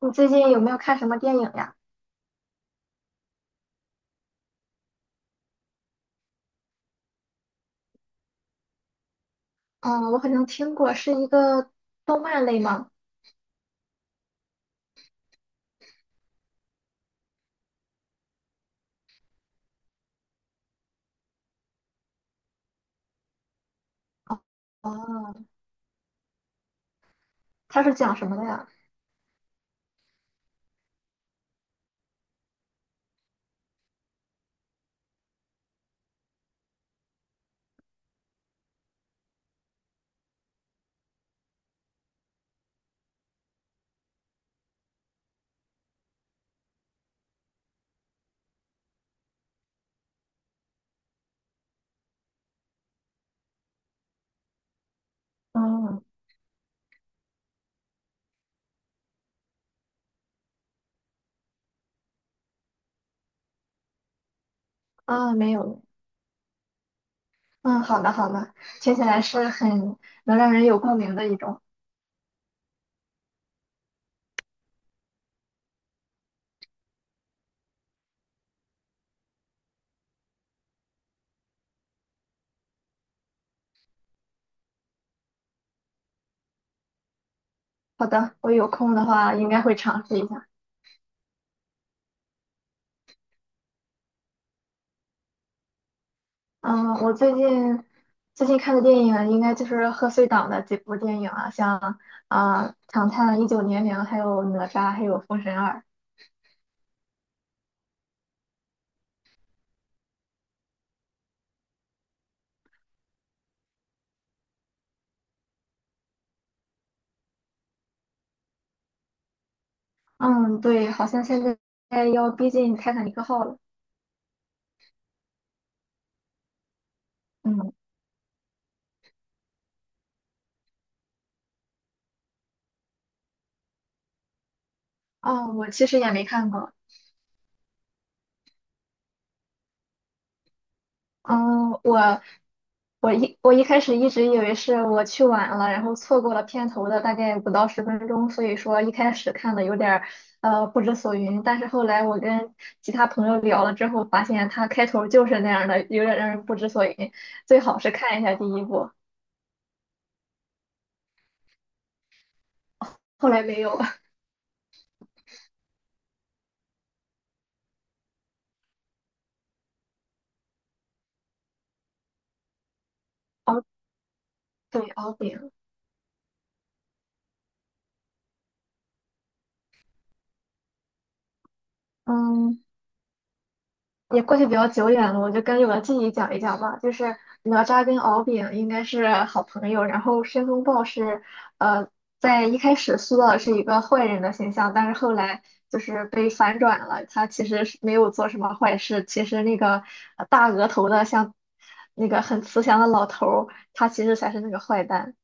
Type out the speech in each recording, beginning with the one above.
你最近有没有看什么电影呀？嗯，我好像听过，是一个动漫类吗？哦，它是讲什么的呀？嗯啊，没有。嗯，好的好的，听起来是很能让人有共鸣的一种。好的，我有空的话应该会尝试一下。嗯，我最近看的电影应该就是贺岁档的几部电影啊，像啊《唐探一九年零》，还有《哪吒》，还有《封神二》。嗯，对，好像现在要逼近《泰坦尼克号》了。嗯。哦，我其实也没看过。嗯，我一开始一直以为是我去晚了，然后错过了片头的大概不到10分钟，所以说一开始看的有点儿不知所云。但是后来我跟其他朋友聊了之后，发现它开头就是那样的，有点让人不知所云。最好是看一下第一部，后来没有了。敖对，敖丙。嗯，也过去比较久远了，我就跟据我的记忆讲一讲吧。就是哪吒跟敖丙应该是好朋友，然后申公豹是，呃，在一开始塑造的是一个坏人的形象，但是后来就是被反转了，他其实是没有做什么坏事，其实那个大额头的像那个很慈祥的老头儿，他其实才是那个坏蛋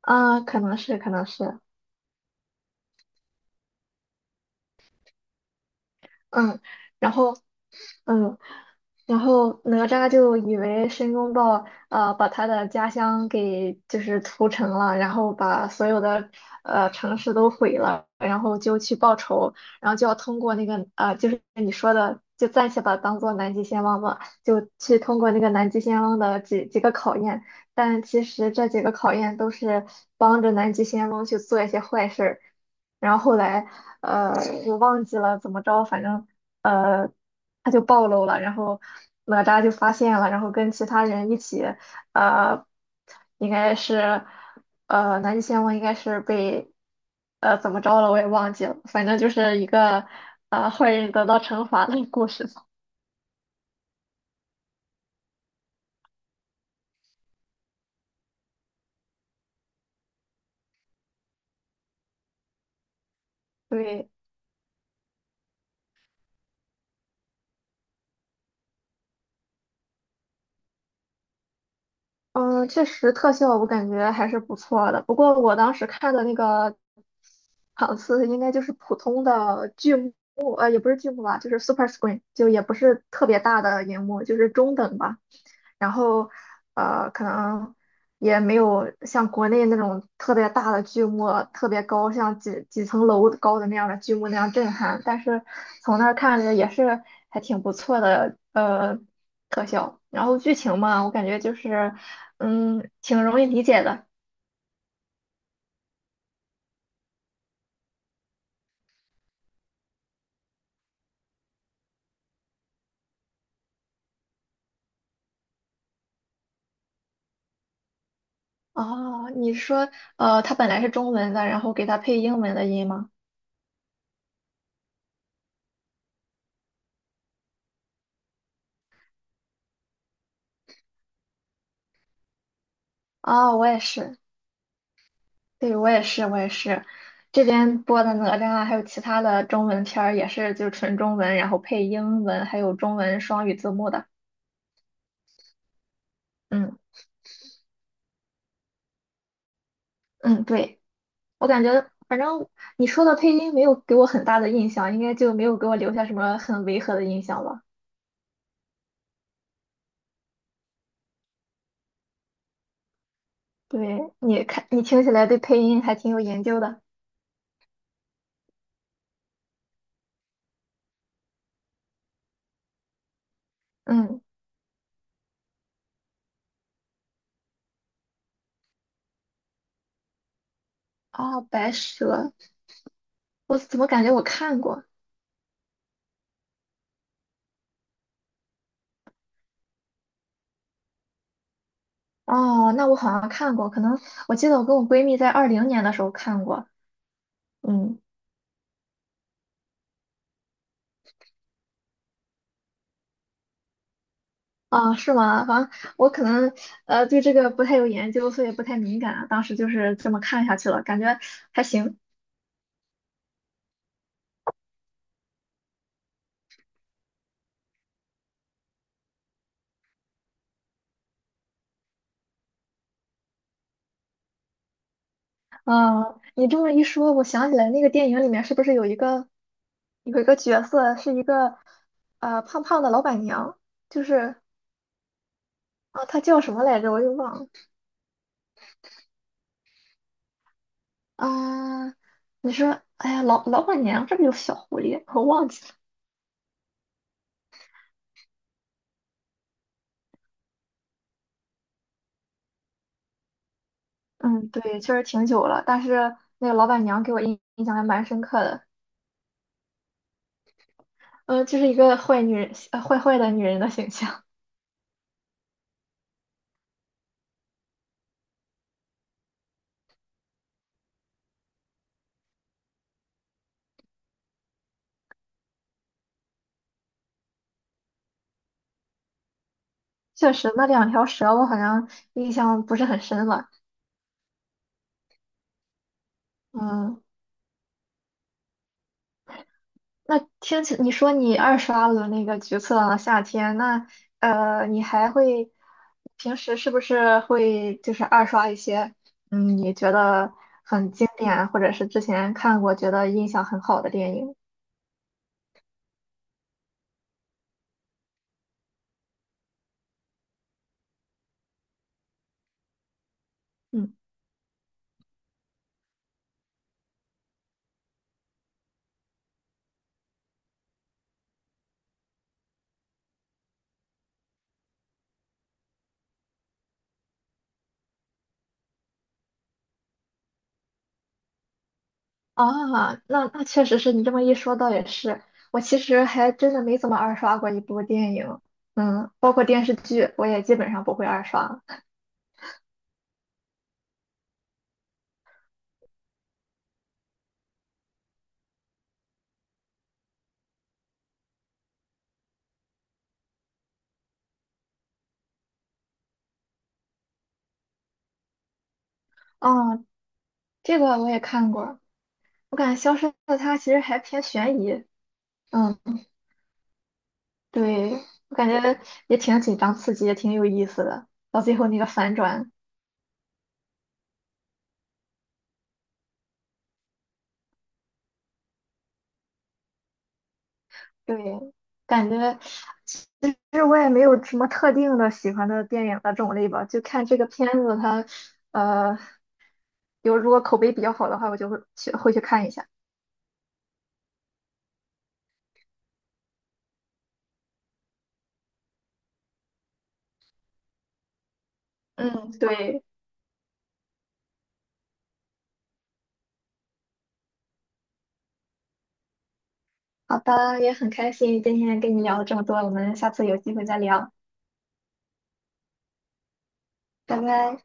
啊，可能是，可能是，嗯，然后。嗯，然后哪吒就以为申公豹把他的家乡给就是屠城了，然后把所有的城市都毁了，然后就去报仇，然后就要通过那个就是你说的，就暂且把它当做南极仙翁吧，就去通过那个南极仙翁的几个考验，但其实这几个考验都是帮着南极仙翁去做一些坏事儿，然后后来呃我忘记了怎么着，反正。呃。他就暴露了，然后哪吒就发现了，然后跟其他人一起，呃，应该是，南极仙翁应该是被，怎么着了我也忘记了，反正就是一个，坏人得到惩罚的故事吧。对，嗯，确实特效我感觉还是不错的，不过我当时看的那个场次应该就是普通的剧目，也不是剧目吧，就是 super screen，就也不是特别大的荧幕，就是中等吧。然后可能也没有像国内那种特别大的剧目，特别高，像几层楼高的那样的剧目那样震撼。但是从那儿看着也是还挺不错的，特效。然后剧情嘛，我感觉就是，挺容易理解的。哦，你是说，它本来是中文的，然后给它配英文的音吗？啊，我也是。对，我也是，我也是，这边播的哪吒啊还有其他的中文片儿也是就是纯中文，然后配英文，还有中文双语字幕的。嗯嗯，对，我感觉反正你说的配音没有给我很大的印象，应该就没有给我留下什么很违和的印象吧？对，你看你听起来对配音还挺有研究的。嗯，哦，白蛇，我怎么感觉我看过？哦，那我好像看过，可能我记得我跟我闺蜜在2020年的时候看过。嗯。啊，是吗？反正我可能对这个不太有研究，所以不太敏感啊。当时就是这么看下去了，感觉还行。啊，你这么一说，我想起来那个电影里面是不是有一个角色是一个胖胖的老板娘？就是啊，她叫什么来着？我又忘了啊。你说，哎呀，老板娘这不是有小狐狸？我忘记了。嗯，对，确实挺久了，但是那个老板娘给我印象还蛮深刻的。就是一个坏女人，坏坏的女人的形象。确实，那两条蛇我好像印象不是很深了。嗯，那听起你说你二刷了那个《橘色的夏天》，那你还会平时是不是会就是二刷一些你觉得很经典，或者是之前看过觉得印象很好的电影？嗯。啊，那确实是你这么一说，倒也是。我其实还真的没怎么二刷过一部电影，包括电视剧，我也基本上不会二刷。哦，这个我也看过，我感觉《消失的她》其实还偏悬疑，嗯，对，我感觉也挺紧张刺激，也挺有意思的。到最后那个反转，对，感觉其实我也没有什么特定的喜欢的电影的种类吧，就看这个片子它。呃，有如果口碑比较好的话，我就会去看一下。嗯，对，好的，也很开心今天跟你聊了这么多，我们下次有机会再聊，拜拜。